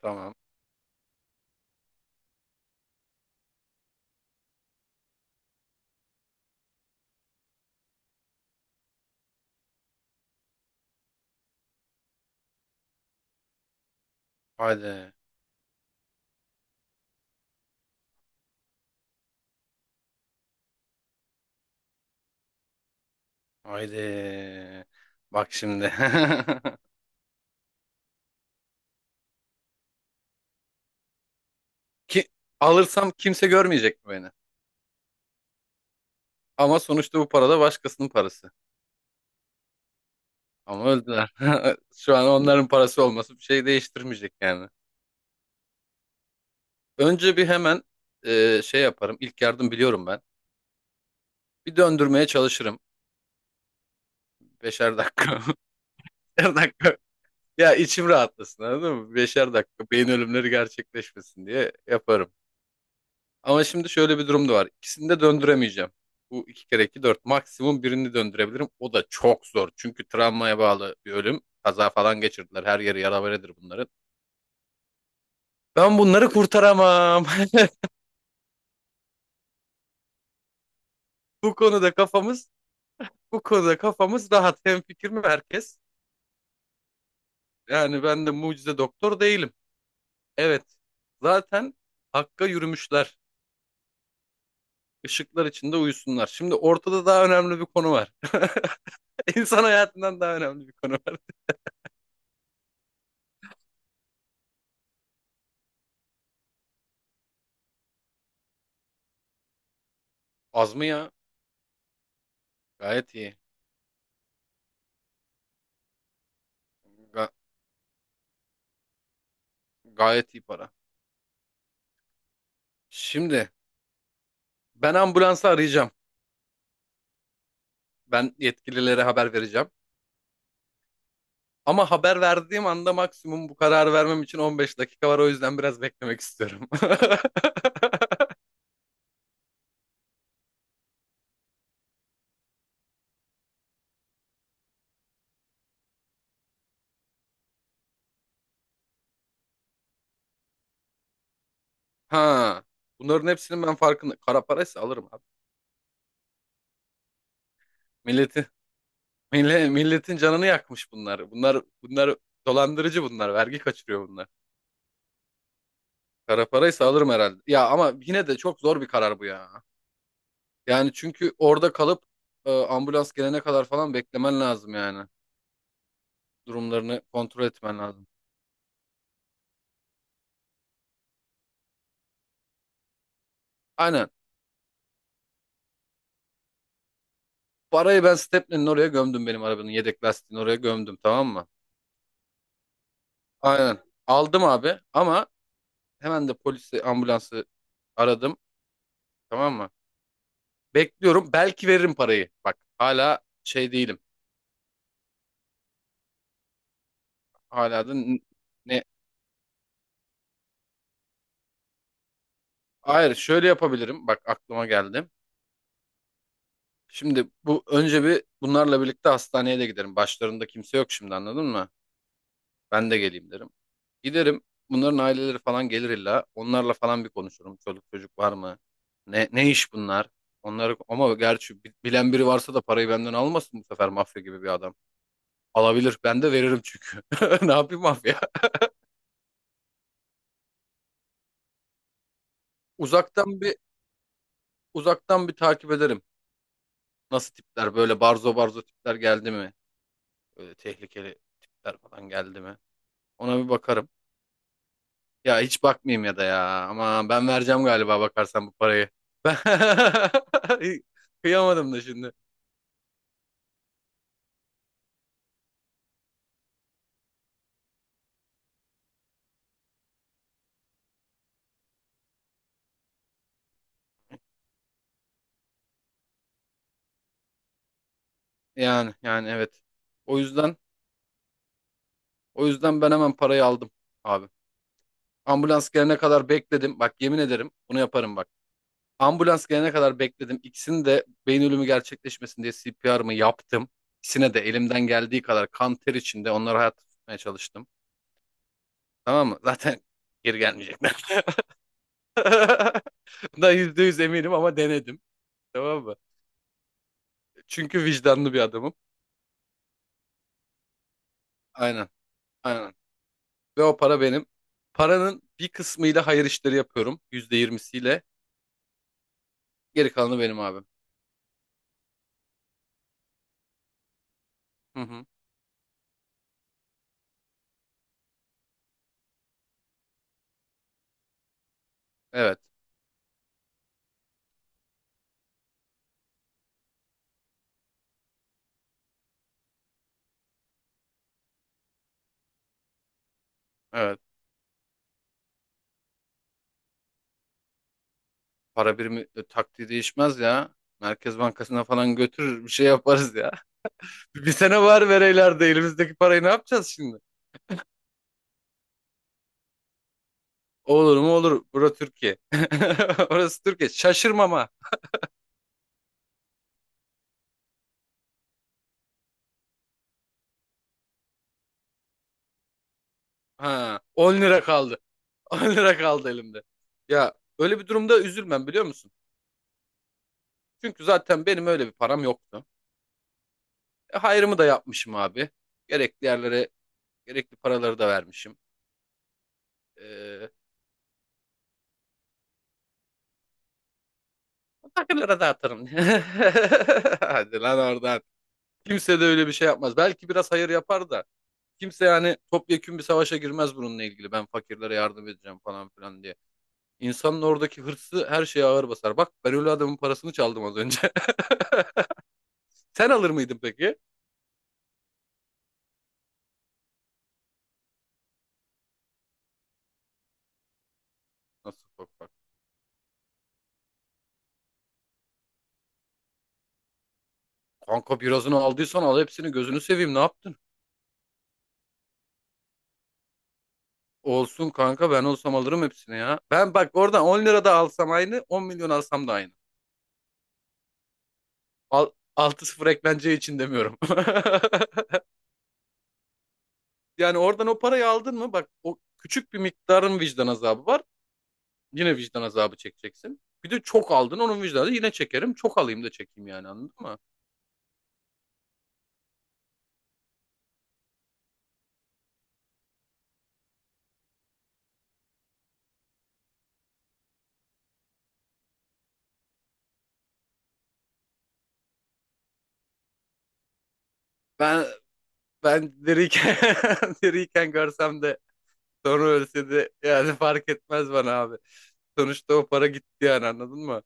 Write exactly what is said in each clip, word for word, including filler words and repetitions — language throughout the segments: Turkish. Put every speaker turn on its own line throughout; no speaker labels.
Tamam. Haydi. Haydi. Bak şimdi. Ki alırsam kimse görmeyecek mi beni? Ama sonuçta bu para da başkasının parası. Ama öldüler. Şu an onların parası olması bir şey değiştirmeyecek yani. Önce bir hemen e, şey yaparım. İlk yardım biliyorum ben. Bir döndürmeye çalışırım. Beşer dakika. Beşer dakika. Ya içim rahatlasın anladın mı? Beşer dakika beyin ölümleri gerçekleşmesin diye yaparım. Ama şimdi şöyle bir durum da var. İkisini de döndüremeyeceğim. Bu iki kere iki dört. Maksimum birini döndürebilirim. O da çok zor. Çünkü travmaya bağlı bir ölüm. Kaza falan geçirdiler. Her yeri yaraberedir bunların. Ben bunları kurtaramam. Bu konuda kafamız, bu konuda kafamız rahat. Hemfikir mi herkes? Yani ben de mucize doktor değilim. Evet. Zaten hakka yürümüşler. Işıklar içinde uyusunlar. Şimdi ortada daha önemli bir konu var. İnsan hayatından daha önemli bir konu var. Az mı ya? Gayet iyi. Ga- Gayet iyi para. Şimdi ben ambulansı arayacağım. Ben yetkililere haber vereceğim. Ama haber verdiğim anda maksimum bu kararı vermem için on beş dakika var. O yüzden biraz beklemek istiyorum. Ha. Bunların hepsinin ben farkında. Kara paraysa alırım abi. Milleti, mille, milletin canını yakmış bunlar. Bunlar bunlar dolandırıcı bunlar. Vergi kaçırıyor bunlar. Kara paraysa alırım herhalde. Ya ama yine de çok zor bir karar bu ya. Yani çünkü orada kalıp e, ambulans gelene kadar falan beklemen lazım yani. Durumlarını kontrol etmen lazım. Aynen. Parayı ben Stepney'nin oraya gömdüm, benim arabanın yedek lastiğini oraya gömdüm, tamam mı? Aynen. Aldım abi ama hemen de polisi ambulansı aradım, tamam mı? Bekliyorum, belki veririm parayı. Bak hala şey değilim. Hala da n- ne? Hayır, şöyle yapabilirim. Bak aklıma geldi. Şimdi bu önce bir bunlarla birlikte hastaneye de giderim. Başlarında kimse yok şimdi, anladın mı? Ben de geleyim derim. Giderim. Bunların aileleri falan gelir illa. Onlarla falan bir konuşurum. Çoluk çocuk var mı? Ne ne iş bunlar? Onları ama gerçi bi- bilen biri varsa da parayı benden almasın, bu sefer mafya gibi bir adam. Alabilir. Ben de veririm çünkü. Ne yapayım mafya? Uzaktan bir uzaktan bir takip ederim. Nasıl tipler, böyle barzo barzo tipler geldi mi? Böyle tehlikeli tipler falan geldi mi? Ona bir bakarım. Ya hiç bakmayayım ya da ya. Ama ben vereceğim galiba bakarsan bu parayı. Ben kıyamadım da şimdi. Yani yani evet. O yüzden o yüzden ben hemen parayı aldım abi. Ambulans gelene kadar bekledim. Bak yemin ederim bunu yaparım bak. Ambulans gelene kadar bekledim. İkisini de beyin ölümü gerçekleşmesin diye C P R'ımı yaptım. İkisine de elimden geldiği kadar kan ter içinde onları hayatta tutmaya çalıştım. Tamam mı? Zaten geri gelmeyecekler. Bundan yüzde yüz eminim ama denedim. Tamam mı? Çünkü vicdanlı bir adamım. Aynen. Aynen. Ve o para benim. Paranın bir kısmıyla hayır işleri yapıyorum. Yüzde yirmisiyle. Geri kalanı benim abim. Hı hı. Evet. Evet. Para birimi e, taktiği değişmez ya. Merkez Bankası'na falan götürür bir şey yaparız ya. Bir sene var vereylerde elimizdeki parayı ne yapacağız şimdi? Olur mu olur. Burası Türkiye. Orası Türkiye. Şaşırmama. Ha, on lira kaldı. on lira kaldı elimde. Ya öyle bir durumda üzülmem, biliyor musun? Çünkü zaten benim öyle bir param yoktu. E, hayrımı da yapmışım abi. Gerekli yerlere gerekli paraları da vermişim. Takımlara dağıtırım. Hadi lan oradan. Kimse de öyle bir şey yapmaz. Belki biraz hayır yapar da. Kimse yani topyekün bir savaşa girmez bununla ilgili. Ben fakirlere yardım edeceğim falan filan diye. İnsanın oradaki hırsı her şeye ağır basar. Bak ben öyle adamın parasını çaldım az önce. Sen alır mıydın peki? Nasıl, bak bak. Kanka birazını aldıysan al hepsini gözünü seveyim, ne yaptın? Olsun kanka, ben olsam alırım hepsini ya. Ben bak oradan on lira da alsam aynı, on milyon alsam da aynı. Al, altı sıfır eklence için demiyorum. Yani oradan o parayı aldın mı bak, o küçük bir miktarın vicdan azabı var. Yine vicdan azabı çekeceksin. Bir de çok aldın, onun vicdanı yine çekerim. Çok alayım da çekeyim yani, anladın mı? Ben ben diriyken diriyken görsem de sonra ölse de yani fark etmez bana abi. Sonuçta o para gitti yani, anladın mı?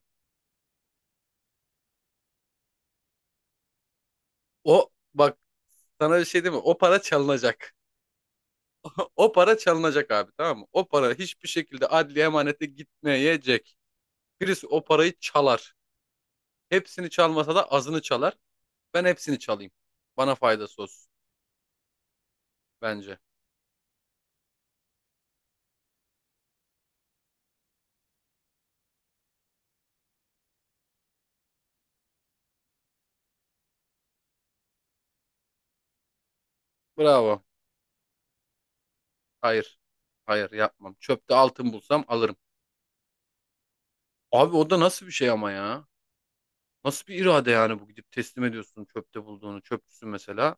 O bak, sana bir şey diyeyim mi? O para çalınacak. O para çalınacak abi tamam mı? O para hiçbir şekilde adli emanete gitmeyecek. Birisi o parayı çalar. Hepsini çalmasa da azını çalar. Ben hepsini çalayım. Bana faydası olsun bence. Bravo. Hayır. Hayır yapmam. Çöpte altın bulsam alırım. Abi o da nasıl bir şey ama ya? Nasıl bir irade yani, bu gidip teslim ediyorsun çöpte bulduğunu. Çöpçüsün mesela.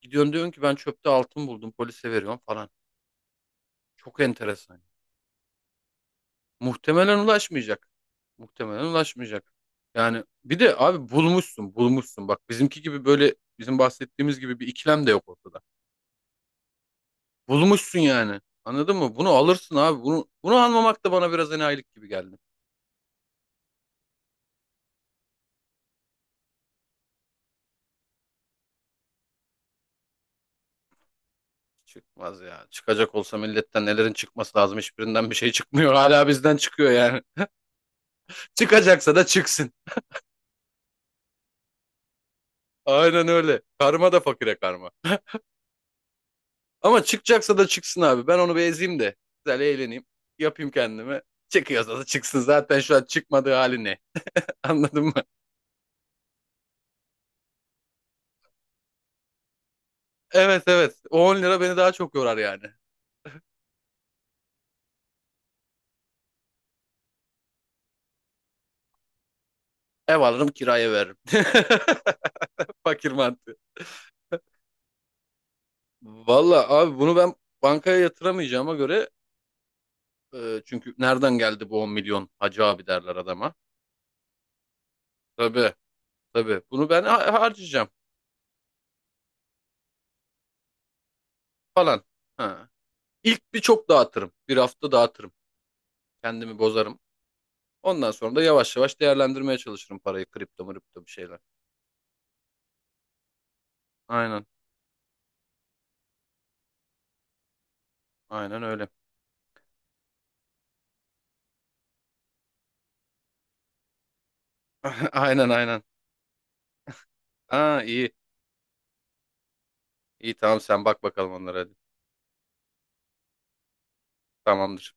Gidiyorsun, diyorsun ki ben çöpte altın buldum polise veriyorum falan. Çok enteresan. Muhtemelen ulaşmayacak. Muhtemelen ulaşmayacak. Yani bir de abi bulmuşsun bulmuşsun. Bak bizimki gibi, böyle bizim bahsettiğimiz gibi bir ikilem de yok ortada. Bulmuşsun yani. Anladın mı? Bunu alırsın abi. Bunu, bunu almamak da bana biraz enayilik gibi geldi. Çıkmaz ya. Çıkacak olsa milletten nelerin çıkması lazım. Hiçbirinden bir şey çıkmıyor. Hala bizden çıkıyor yani. Çıkacaksa da çıksın. Aynen öyle. Karma da fakire karma. Ama çıkacaksa da çıksın abi. Ben onu bir ezeyim de. Güzel eğleneyim. Yapayım kendime. Çıkıyorsa da çıksın. Zaten şu an çıkmadığı hali ne? Anladın mı? Evet evet. O on lira beni daha çok yorar yani. Ev alırım kiraya veririm. Fakir mantığı. Valla abi bunu ben bankaya yatıramayacağıma göre e, çünkü nereden geldi bu on milyon hacı abi derler adama. Tabii tabii bunu ben ha- harcayacağım falan. Ha. İlk bir çok dağıtırım. Bir hafta dağıtırım. Kendimi bozarım. Ondan sonra da yavaş yavaş değerlendirmeye çalışırım parayı. Kripto mripto bir şeyler. Aynen aynen öyle. Aynen aynen. Aa iyi. İyi tamam, sen bak bakalım onlara hadi. Tamamdır.